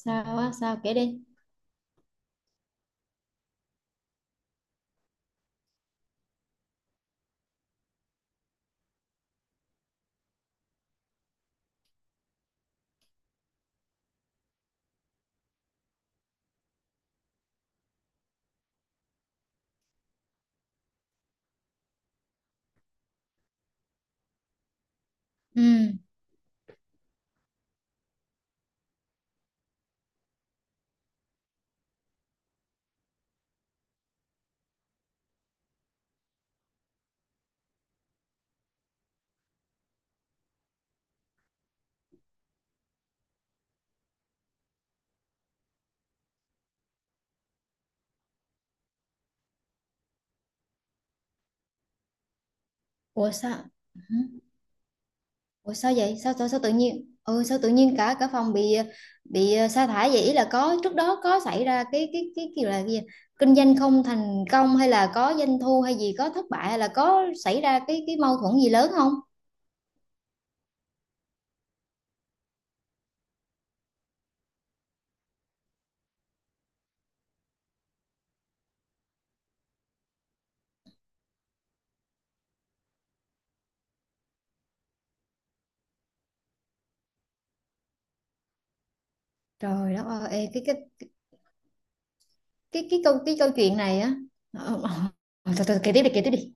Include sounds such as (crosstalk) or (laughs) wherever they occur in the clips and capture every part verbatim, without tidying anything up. Sao á? Sao, kể đi. Ừ. Ủa sao? Hử? Ủa sao vậy? Sao sao, sao tự nhiên, ừ, sao tự nhiên cả cả phòng bị bị ờ, sa thải vậy? Ý là có trước đó có xảy ra cái cái cái kiểu là cái gì, kinh doanh không thành công, hay là có doanh thu hay gì, có thất bại, hay là có xảy ra cái cái mâu thuẫn gì lớn không? Trời đất ơi, ê, cái cái cái cái câu cái câu chuyện này á. Ờ, ờ, ờ, thôi thôi kể tiếp đi kể tiếp đi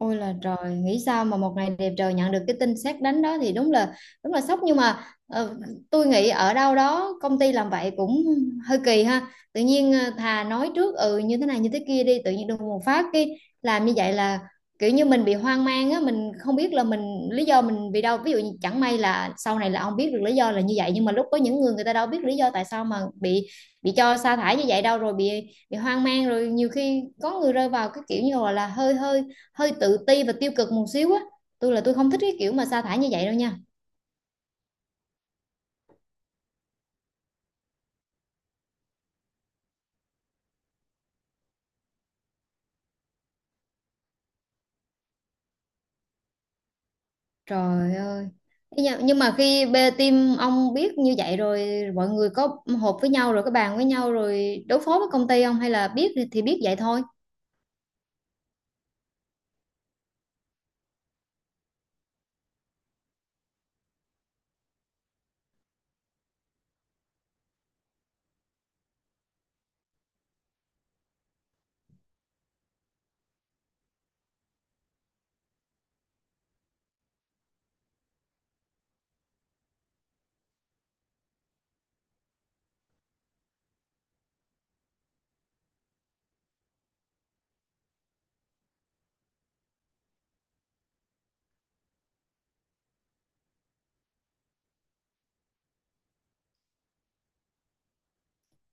Ôi là trời, nghĩ sao mà một ngày đẹp trời nhận được cái tin sét đánh đó thì đúng là đúng là sốc, nhưng mà ờ, tôi nghĩ ở đâu đó công ty làm vậy cũng hơi kỳ ha. Tự nhiên ờ, thà nói trước, ừ, như thế này như thế kia đi, tự nhiên đùng một phát cái, làm như vậy là kiểu như mình bị hoang mang á, mình không biết là mình, lý do mình vì đâu. Ví dụ như chẳng may là sau này là ông biết được lý do là như vậy, nhưng mà lúc có những người người ta đâu biết lý do tại sao mà bị bị cho sa thải như vậy đâu, rồi bị bị hoang mang, rồi nhiều khi có người rơi vào cái kiểu như gọi là hơi hơi hơi tự ti và tiêu cực một xíu á. Tôi là tôi không thích cái kiểu mà sa thải như vậy đâu nha. Trời ơi. Thế nha- nhưng mà khi bê team ông biết như vậy rồi, mọi người có họp với nhau rồi có bàn với nhau rồi đối phó với công ty không, hay là biết thì thì biết vậy thôi?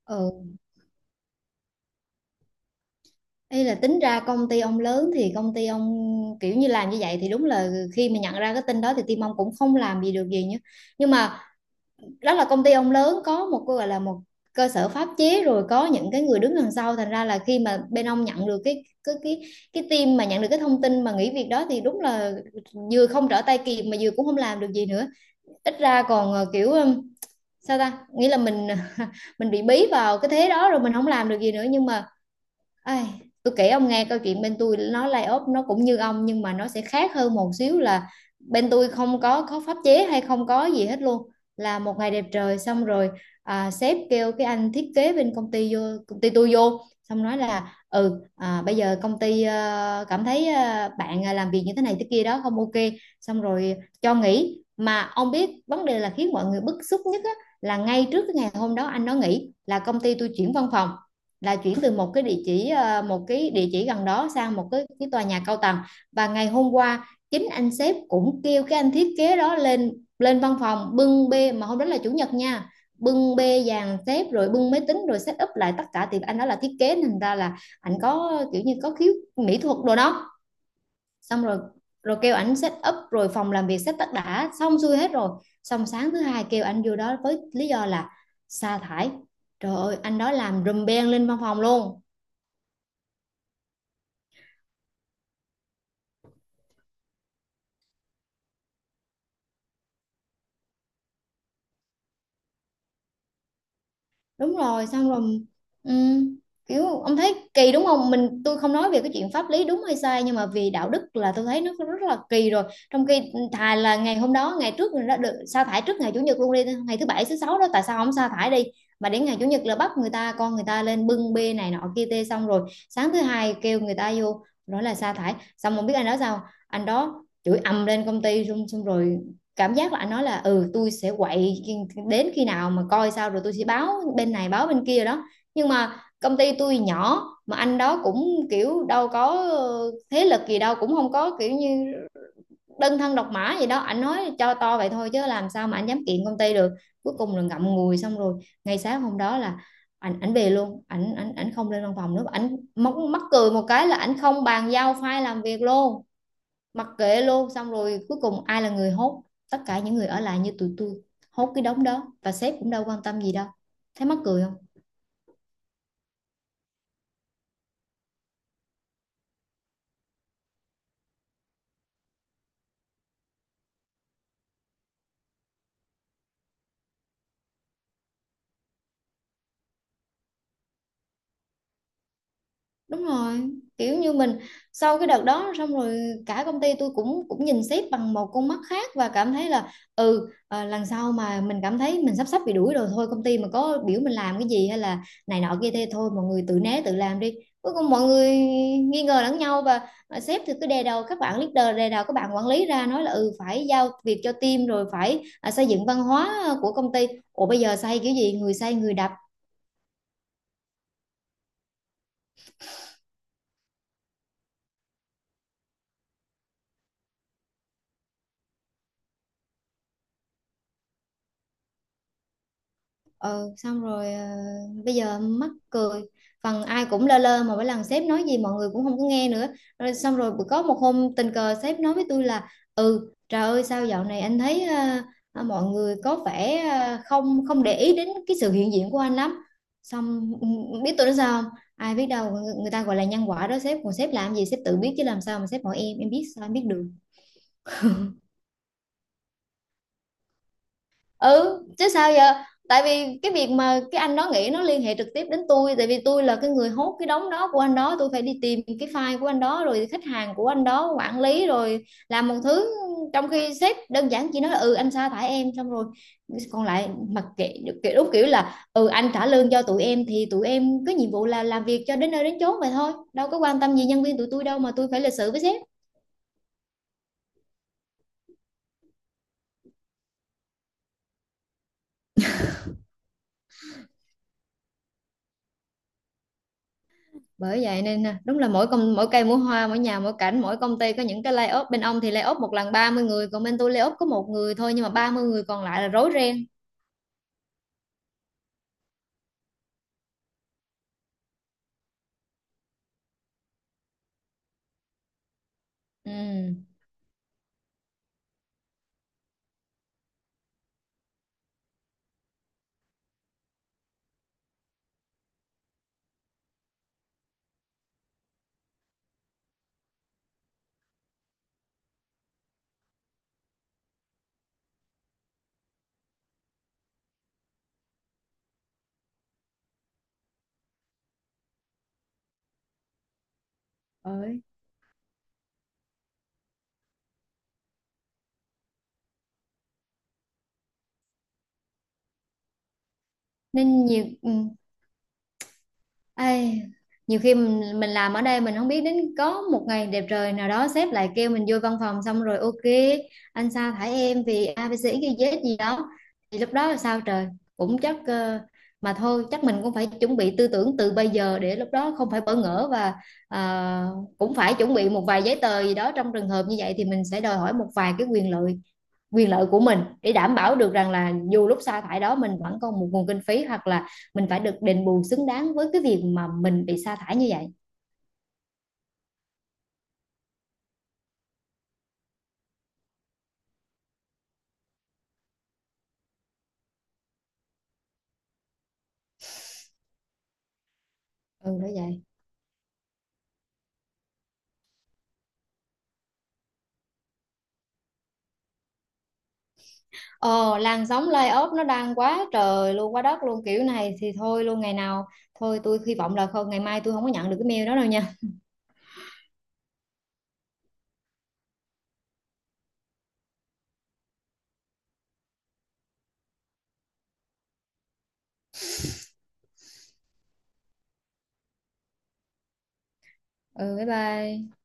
Ừ. Ý là tính ra công ty ông lớn thì công ty ông kiểu như làm như vậy thì đúng là khi mà nhận ra cái tin đó thì team ông cũng không làm gì được gì nhá, nhưng mà đó là công ty ông lớn có một cái gọi là một cơ sở pháp chế, rồi có những cái người đứng đằng sau, thành ra là khi mà bên ông nhận được cái cái cái cái team mà nhận được cái thông tin mà nghỉ việc đó thì đúng là vừa không trở tay kịp mà vừa cũng không làm được gì nữa. Ít ra còn ờ, kiểu sao ta, nghĩa là mình (laughs) mình bị bí vào cái thế đó rồi mình không làm được gì nữa, nhưng mà. Ai, tôi kể ông nghe câu chuyện bên tôi nó layoff nó cũng như ông nhưng mà nó sẽ khác hơn một xíu là bên tôi không có có pháp chế hay không có gì hết luôn. Là một ngày đẹp trời xong rồi, à, sếp kêu cái anh thiết kế bên công ty vô, công ty tôi vô, xong nói là ừ, à, bây giờ công ty ờ, cảm thấy ờ, bạn à, làm việc như thế này thế kia đó không ok, xong rồi cho nghỉ. Mà ông biết vấn đề là khiến mọi người bức xúc nhất á, là ngay trước cái ngày hôm đó anh nó nghỉ là công ty tôi chuyển văn phòng, là chuyển từ một cái địa chỉ ờ, một cái địa chỉ gần đó sang một cái, cái tòa nhà cao tầng. Và ngày hôm qua chính anh sếp cũng kêu cái anh thiết kế đó lên lên văn phòng bưng bê, mà hôm đó là chủ nhật nha. Bưng bê dàn xếp rồi bưng máy tính rồi set up lại tất cả, thì anh đó là thiết kế nên ra là anh có kiểu như có khiếu mỹ thuật đồ đó. Xong rồi rồi kêu ảnh set up rồi phòng làm việc set tất đã xong xuôi hết rồi. Xong sáng thứ hai kêu anh vô đó với lý do là sa thải. Trời ơi, anh đó làm rùm beng lên văn phòng luôn. Đúng rồi. Xong rồi. ừm, Kiểu ông thấy kỳ đúng không, mình tôi không nói về cái chuyện pháp lý đúng hay sai nhưng mà vì đạo đức là tôi thấy nó rất là kỳ rồi. Trong khi thà là ngày hôm đó ngày trước mình đã được sa thải trước ngày chủ nhật luôn đi, ngày thứ bảy thứ sáu đó tại sao không sa thải đi, mà đến ngày chủ nhật là bắt người ta, con người ta lên bưng bê này nọ kia tê, xong rồi sáng thứ hai kêu người ta vô nói là sa thải. Xong không biết anh đó sao, anh đó chửi ầm lên công ty xong xong rồi. Cảm giác là anh nói là ừ tôi sẽ quậy đến khi nào mà coi sao, rồi tôi sẽ báo bên này báo bên kia đó. Nhưng mà công ty tôi nhỏ mà anh đó cũng kiểu đâu có ờ, thế lực gì đâu, cũng không có kiểu như đơn thân độc mã gì đó, anh nói cho to vậy thôi chứ làm sao mà anh dám kiện công ty được. Cuối cùng là ngậm ngùi xong rồi, ngay sáng hôm đó là ảnh ảnh về luôn, ảnh ảnh ảnh không lên văn phòng nữa. Ảnh mắc mắc cười một cái là ảnh không bàn giao file làm việc luôn, mặc kệ luôn. Xong rồi cuối cùng ai là người hốt, tất cả những người ở lại như tụi tôi hốt cái đống đó, và sếp cũng đâu quan tâm gì đâu. Thấy mắc cười không? Đúng rồi, kiểu như mình, sau cái đợt đó xong rồi cả công ty tôi cũng cũng nhìn sếp bằng một con mắt khác, và cảm thấy là ừ, ờ, lần sau mà mình cảm thấy mình sắp sắp bị đuổi rồi, thôi công ty mà có biểu mình làm cái gì hay là này nọ kia thế thôi, mọi người tự né tự làm đi. Cuối cùng mọi người nghi ngờ lẫn nhau, và ờ, sếp thì cứ đè đầu các bạn leader, đè đầu các bạn quản lý ra nói là ừ phải giao việc cho team rồi phải, à, xây dựng văn hóa của công ty. Ủa bây giờ xây kiểu gì, người xây người đập. Ừ. Xong rồi ờ, bây giờ mắc cười, phần ai cũng lơ lơ mà mỗi lần sếp nói gì mọi người cũng không có nghe nữa rồi. Xong rồi bữa- có một hôm tình cờ sếp nói với tôi là ừ, trời ơi sao dạo này anh thấy ờ, ờ, mọi người có vẻ ờ, không không để ý đến cái sự hiện diện của anh lắm. Xong ừ, biết tôi nói sao không? Ai biết đâu, người, người ta gọi là nhân quả đó. Sếp còn sếp làm gì sếp tự biết, chứ làm sao mà sếp hỏi em em biết sao em biết được. Ừ chứ sao giờ. Tại vì cái việc mà cái anh đó nghĩ nó liên hệ trực tiếp đến tôi, tại vì tôi là cái người hốt cái đống đó của anh đó, tôi phải đi tìm cái file của anh đó rồi khách hàng của anh đó quản lý rồi làm một thứ. Trong khi sếp đơn giản chỉ nói là ừ anh sa thải em xong rồi, còn lại mặc kệ. Kiểu đúng kiểu là ừ anh trả lương cho tụi em thì tụi em có nhiệm vụ là làm việc cho đến nơi đến chốn vậy thôi, đâu có quan tâm gì nhân viên tụi tôi đâu mà tôi phải lịch sự với sếp. Bởi vậy nên nè, đúng là mỗi công mỗi cây mỗi hoa mỗi nhà mỗi cảnh, mỗi công ty có những cái lay layoff bên ông thì lay layoff một lần ba mươi người, còn bên tôi lay layoff có một người thôi nhưng mà ba mươi người còn lại là rối ren. Ừ. Bởi. Nên nhiều. Ừ. Ai, nhiều khi mình, mình làm ở đây mình không biết đến có một ngày đẹp trời nào đó sếp lại kêu mình vô văn phòng, xong rồi, ok, anh sa thải em vì a ABC ghi Z gì đó. Thì lúc đó là sao trời, cũng chắc ờ, mà thôi chắc mình cũng phải chuẩn bị tư tưởng từ bây giờ để lúc đó không phải bỡ ngỡ, và ờ, cũng phải chuẩn bị một vài giấy tờ gì đó. Trong trường hợp như vậy thì mình sẽ đòi hỏi một vài cái quyền lợi quyền lợi của mình để đảm bảo được rằng là dù lúc sa thải đó mình vẫn còn một nguồn kinh phí hoặc là mình phải được đền bù xứng đáng với cái việc mà mình bị sa thải như vậy. Ừ đó vậy. ờ Làn sóng layoff nó đang quá trời luôn quá đất luôn, kiểu này thì thôi luôn ngày nào. Thôi tôi hy vọng là không, ngày mai tôi không có nhận được cái mail đó đâu nha. Ừ bye bye.